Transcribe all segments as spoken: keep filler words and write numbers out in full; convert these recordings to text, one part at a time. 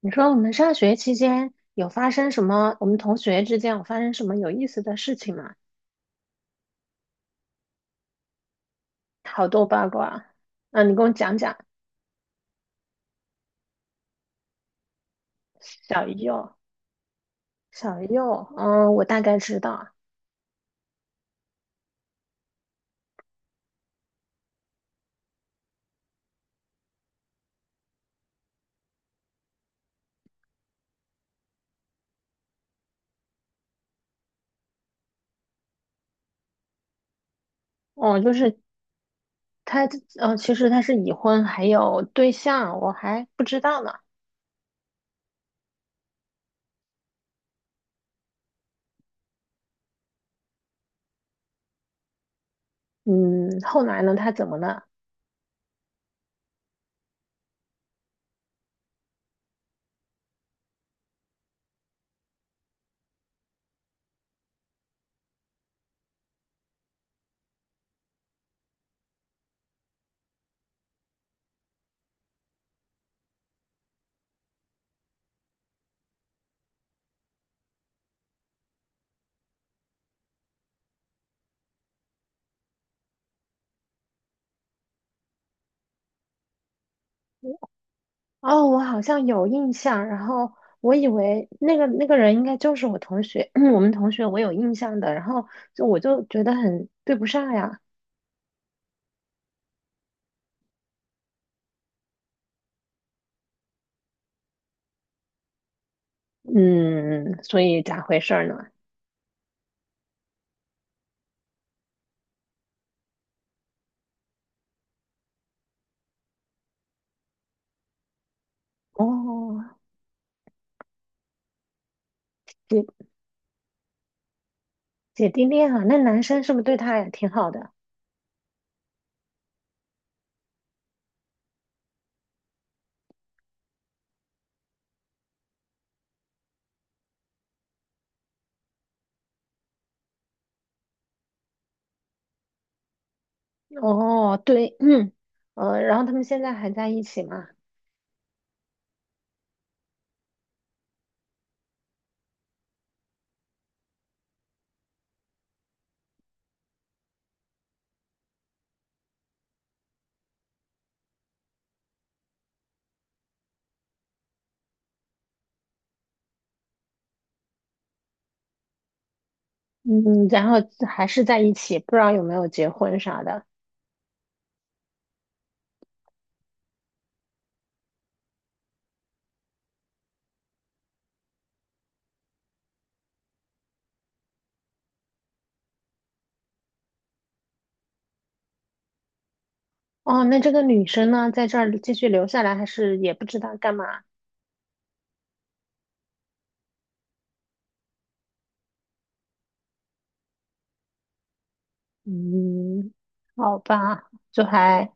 你说我们上学期间有发生什么？我们同学之间有发生什么有意思的事情吗？好多八卦啊，啊，你给我讲讲。小右，小右，嗯，我大概知道。哦，就是他，嗯，其实他是已婚，还有对象，我还不知道呢。嗯，后来呢，他怎么了？哦，我好像有印象。然后我以为那个那个人应该就是我同学，我们同学，我有印象的，然后就我就觉得很对不上呀。嗯，所以咋回事儿呢？哦，姐姐弟恋啊，那男生是不是对她也挺好的？哦，对。嗯，呃，然后他们现在还在一起吗？嗯，然后还是在一起，不知道有没有结婚啥的。哦，那这个女生呢，在这儿继续留下来，还是也不知道干嘛？嗯，好吧，就还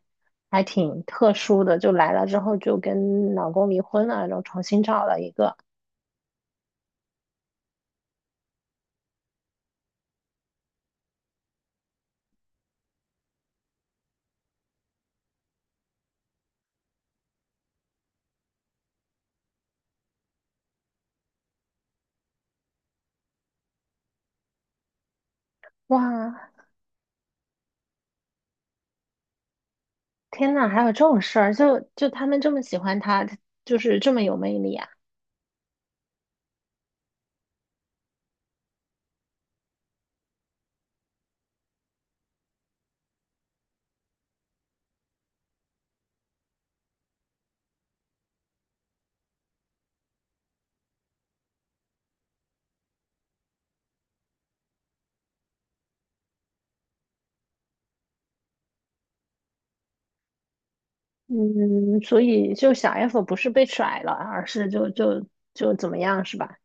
还挺特殊的，就来了之后就跟老公离婚了，然后重新找了一个。哇，天呐，还有这种事儿，就就他们这么喜欢他，他就是这么有魅力啊。嗯，所以就小 F 不是被甩了，而是就就就怎么样是吧？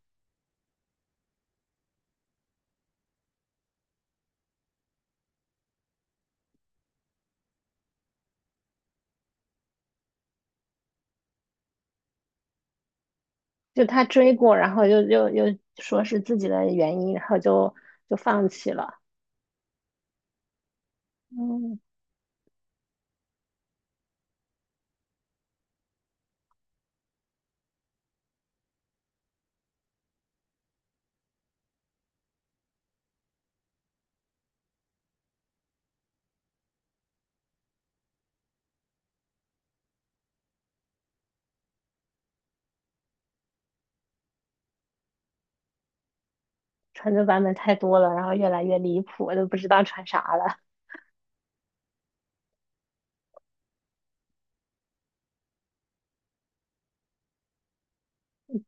就他追过，然后又又又说是自己的原因，然后就就放弃了。嗯，穿的版本太多了，然后越来越离谱，我都不知道穿啥了。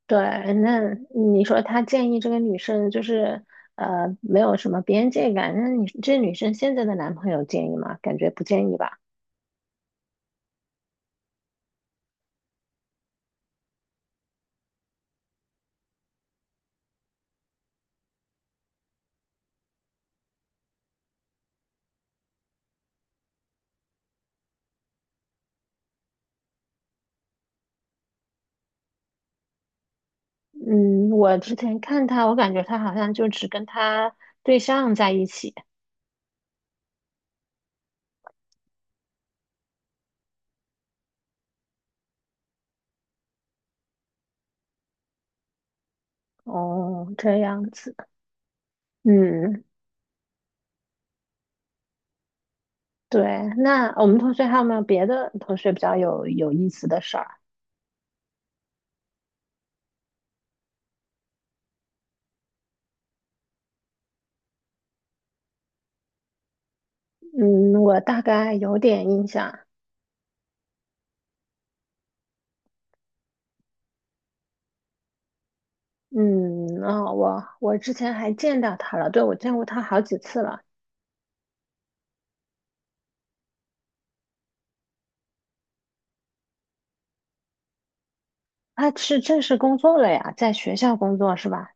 对，那你说他建议这个女生就是呃没有什么边界感，那你这女生现在的男朋友建议吗？感觉不建议吧。嗯，我之前看他，我感觉他好像就只跟他对象在一起。哦，这样子。嗯，对。那我们同学还有没有别的同学比较有有意思的事儿？嗯，我大概有点印象。嗯，哦，我我之前还见到他了，对，我见过他好几次了。他是正式工作了呀，在学校工作是吧？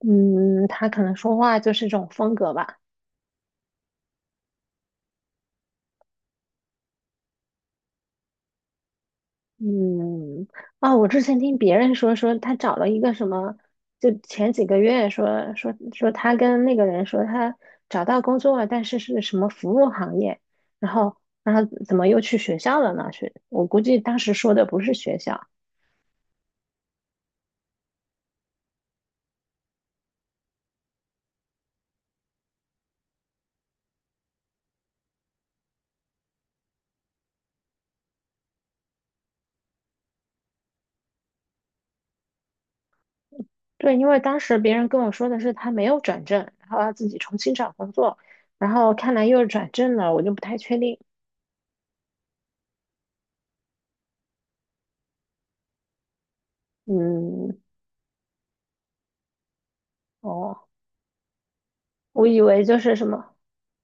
嗯，他可能说话就是这种风格吧。嗯，啊，我之前听别人说，说他找了一个什么，就前几个月说说说他跟那个人说他找到工作了，但是是什么服务行业，然后然后怎么又去学校了呢？学，我估计当时说的不是学校。对，因为当时别人跟我说的是他没有转正，然后要自己重新找工作，然后看来又转正了，我就不太确定。嗯，哦，我以为就是什么。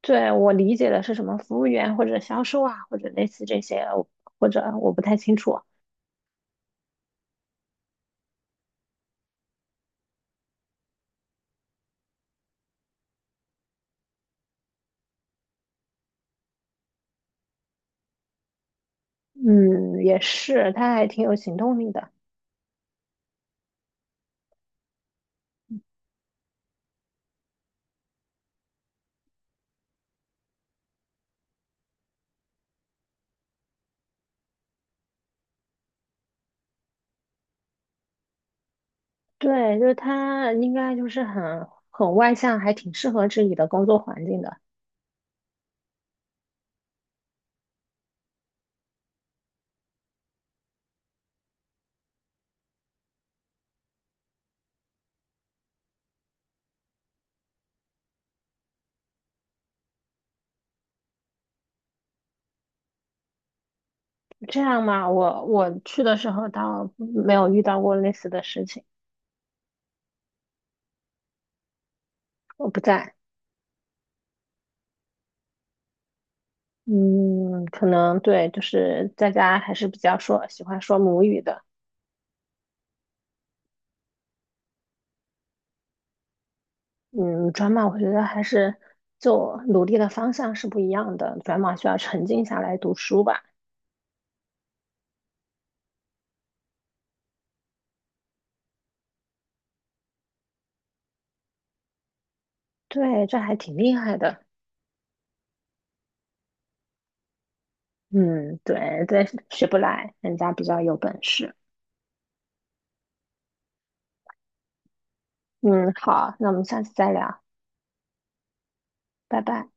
对，我理解的是什么服务员或者销售啊，或者类似这些，我或者我不太清楚。嗯，也是，他还挺有行动力的。对，就是他应该就是很很外向，还挺适合这里的工作环境的。这样嘛，我我去的时候倒没有遇到过类似的事情，我不在。嗯，可能对，就是在家还是比较说喜欢说母语的。嗯，转码我觉得还是就努力的方向是不一样的，转码需要沉静下来读书吧。对，这还挺厉害的。嗯，对，这学不来，人家比较有本事。嗯，好，那我们下次再聊，拜拜。